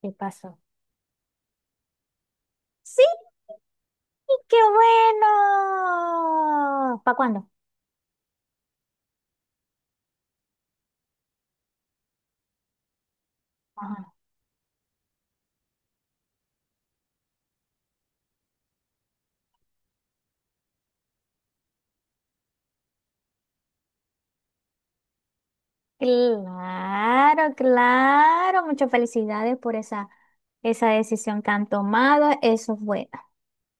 ¿Qué pasó? ¡Sí! ¡Qué bueno! ¿Para cuándo? Ajá. Claro, claro. Muchas felicidades por esa, esa decisión que han tomado. Eso es bueno.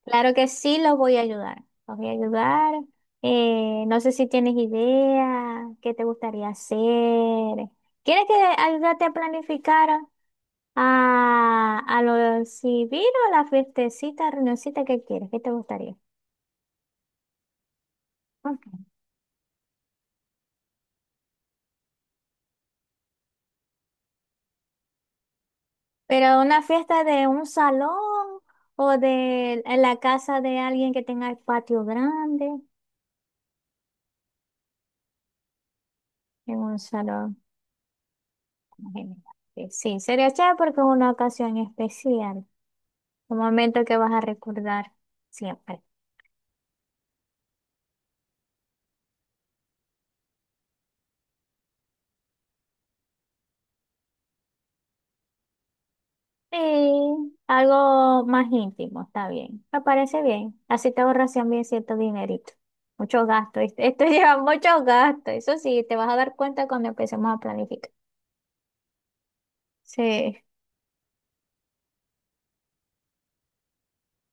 Claro que sí, los voy a ayudar. Los voy a ayudar. No sé si tienes idea, qué te gustaría hacer. ¿Quieres que ayudarte a planificar a lo civil o la fiestecita, reunioncita que quieres? ¿Qué te gustaría? Pero una fiesta de un salón o de en la casa de alguien que tenga el patio grande, en un salón. Imagínate. Sí, sí, sería chévere porque es una ocasión especial, un momento que vas a recordar siempre. Sí, algo más íntimo, está bien. Me parece bien. Así te ahorras también cierto dinerito. Mucho gasto. ¿Viste? Esto lleva mucho gasto. Eso sí, te vas a dar cuenta cuando empecemos a planificar. Sí.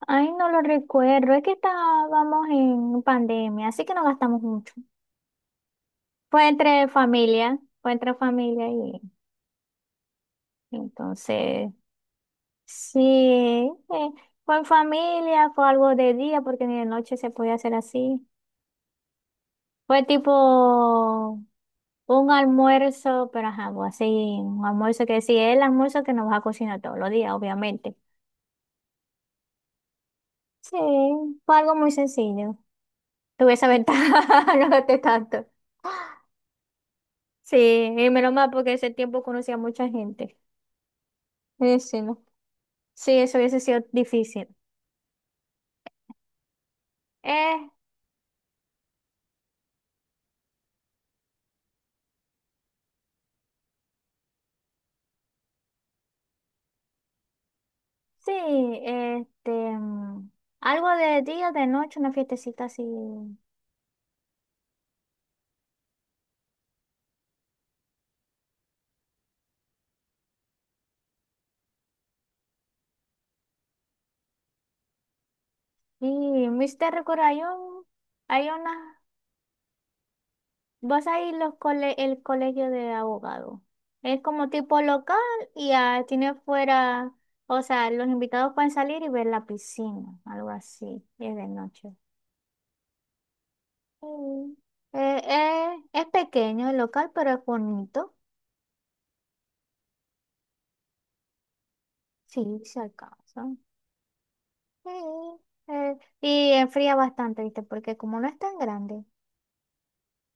Ay, no lo recuerdo. Es que estábamos en pandemia, así que no gastamos mucho. Fue entre familia y entonces, sí, fue en familia, fue algo de día porque ni de noche se podía hacer así. Fue tipo un almuerzo, pero ajá, pues, así, un almuerzo que sí, es el almuerzo que nos vas a cocinar todos los días, obviamente. Sí, fue algo muy sencillo. Tuve esa ventaja, no gasté tanto. Sí, y menos mal porque ese tiempo conocía a mucha gente. Sí, sí, no. Sí, eso hubiese sido difícil. Eh, sí, este, mm, Algo de día, de noche, una fiestecita así. Y Mr. recuerda hay una, vas a ir el colegio de abogados. Es como tipo local y tiene fuera, o sea, los invitados pueden salir y ver la piscina, algo así, y es de noche. Mm. Es pequeño el local, pero es bonito. Sí, se alcanza. Sí, y enfría bastante, ¿viste? Porque como no es tan grande.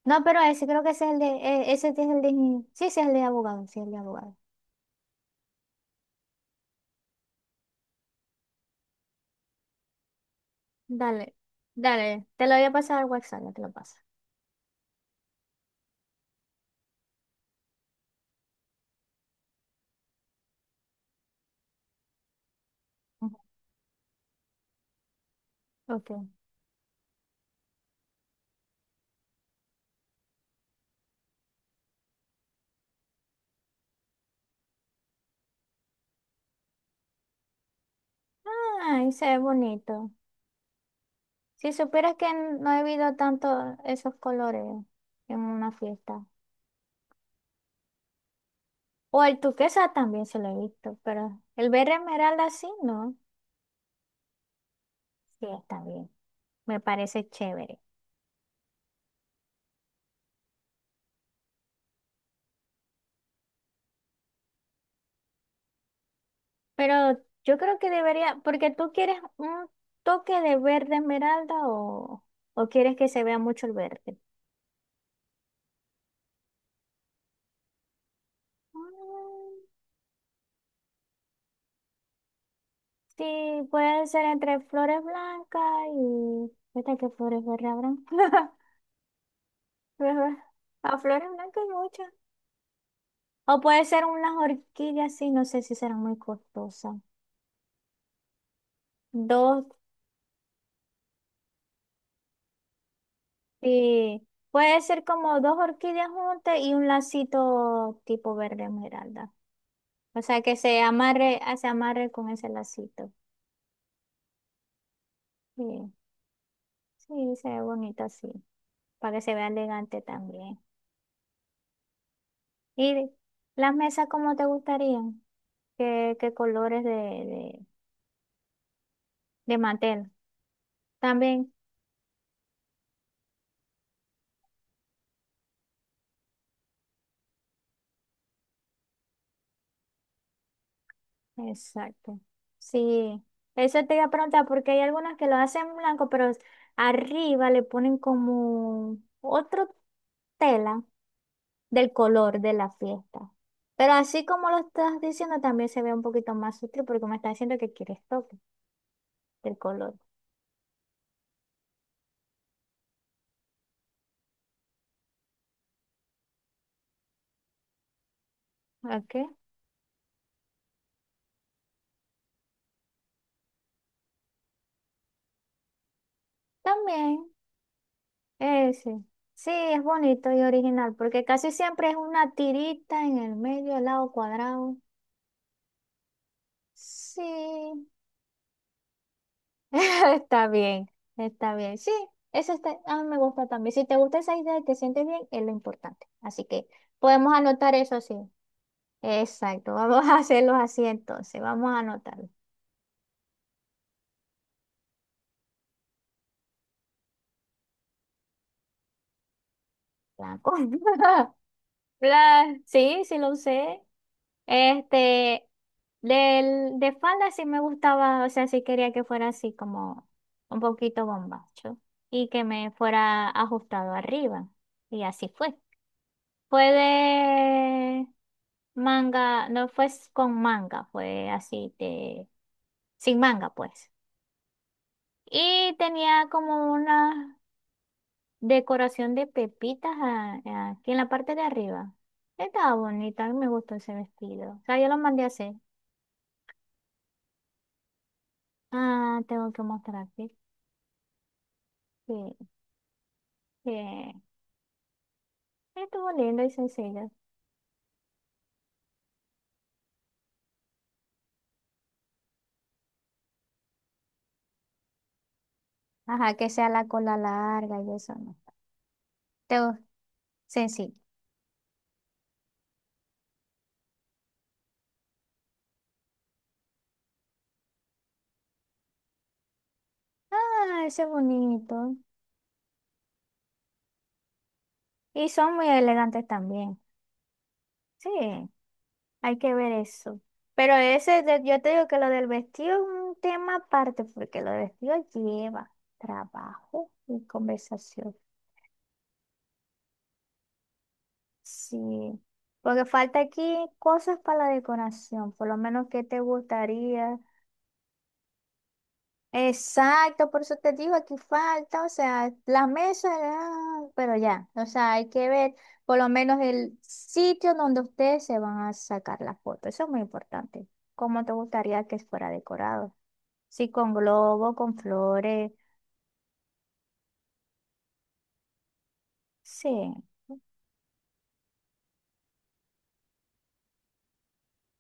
No, pero ese creo que ese es el de, sí, ese es el de abogado, sí, el de abogado. Dale, dale, te lo voy a pasar al WhatsApp, ya te lo paso. Ujú. Ok. Ay, se ve bonito. Si supieras que no he visto tanto esos colores en una fiesta. O el tuquesa también se lo he visto, pero el verde esmeralda sí, no. Sí, está bien. Me parece chévere. Pero yo creo que debería, porque tú quieres un toque de verde esmeralda o quieres que se vea mucho el verde. Mm, sí, puede ser entre flores blancas y... ¿Viste qué flores verdes habrán? A flores blancas hay muchas. O puede ser unas orquídeas, sí, no sé si serán muy costosas. Dos sí, puede ser como dos orquídeas juntas y un lacito tipo verde esmeralda. O sea, que se amarre, ah, se amarre con ese lacito. Sí, sí, se ve bonito así, para que se vea elegante también. ¿Y las mesas cómo te gustarían? ¿Qué, qué colores de mantel? También, exacto. Sí, eso te iba a preguntar, porque hay algunas que lo hacen blanco, pero arriba le ponen como otro tela del color de la fiesta. Pero así como lo estás diciendo, también se ve un poquito más sutil porque me está diciendo que quieres toque del color. ¿Ok? También, ese. Sí, es bonito y original porque casi siempre es una tirita en el medio, al lado cuadrado. Sí, está bien, está bien. Sí, eso está, a mí me gusta también. Si te gusta esa idea y te sientes bien, es lo importante. Así que podemos anotar eso sí. Exacto, vamos a hacerlo así entonces, vamos a anotarlo. Blanco. La, sí, sí lo usé. Este, de falda sí me gustaba, o sea, sí quería que fuera así como un poquito bombacho y que me fuera ajustado arriba. Y así fue. Fue de manga, no con manga, fue así de, sin manga pues. Y tenía como unas decoración de pepitas aquí en la parte de arriba. Estaba bonita, a mí me gustó ese vestido. O sea, yo lo mandé a hacer. Ah, tengo que mostrarte. Sí, sí. Estuvo lindo y sencillo. Ajá, que sea la cola larga y eso no. Te sencillo. Ah, ese es bonito. Y son muy elegantes también. Sí, hay que ver eso. Pero yo te digo que lo del vestido es un tema aparte, porque lo del vestido lleva trabajo y conversación. Sí, porque falta aquí cosas para la decoración, por lo menos qué te gustaría. Exacto, por eso te digo, aquí falta, o sea, las mesas, ah, pero ya, o sea, hay que ver por lo menos el sitio donde ustedes se van a sacar las fotos, eso es muy importante. ¿Cómo te gustaría que fuera decorado? Sí, con globo, con flores, sí,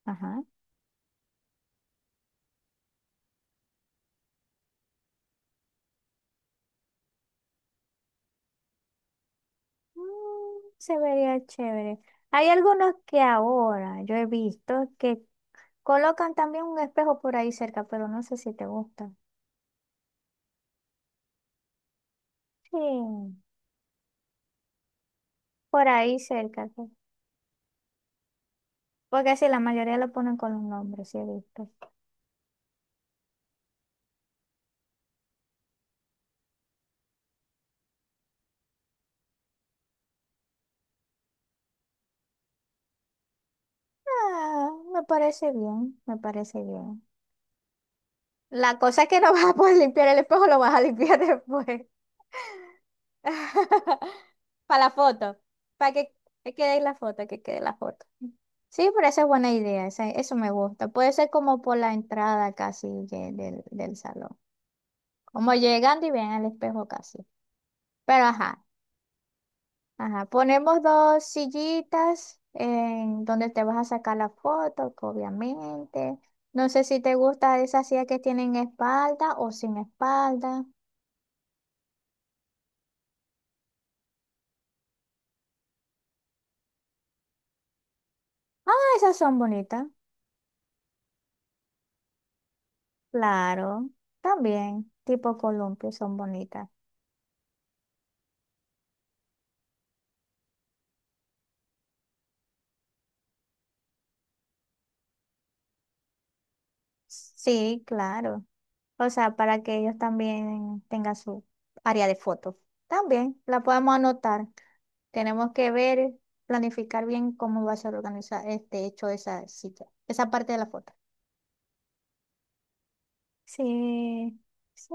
ajá, mm, se vería chévere. Hay algunos que ahora yo he visto que colocan también un espejo por ahí cerca, pero no sé si te gusta. Sí, por ahí cerca. Sí. Porque sí, la mayoría lo ponen con un nombre sí he visto. Ah, me parece bien, me parece bien. La cosa es que no vas a poder limpiar el espejo, lo vas a limpiar después. Para la foto, para que, que quede ahí la foto, que quede la foto. Sí, pero esa es buena idea, eso me gusta. Puede ser como por la entrada casi del salón. Como llegando y ven al espejo casi. Pero ajá. Ajá, ponemos dos sillitas en donde te vas a sacar la foto, que obviamente. No sé si te gusta esas sillas que tienen espalda o sin espalda. Ah, esas son bonitas. Claro, también, tipo columpio, son bonitas. Sí, claro. O sea, para que ellos también tengan su área de fotos. También la podemos anotar. Tenemos que ver, planificar bien cómo va a ser organizar este hecho esa silla, esa parte de la foto. Sí, sí,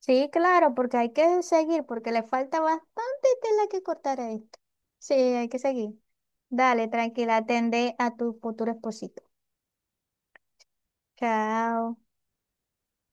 sí, claro, porque hay que seguir, porque le falta bastante tela que cortar a esto. Sí, hay que seguir. Dale, tranquila, atende a tu futuro esposito. Chao.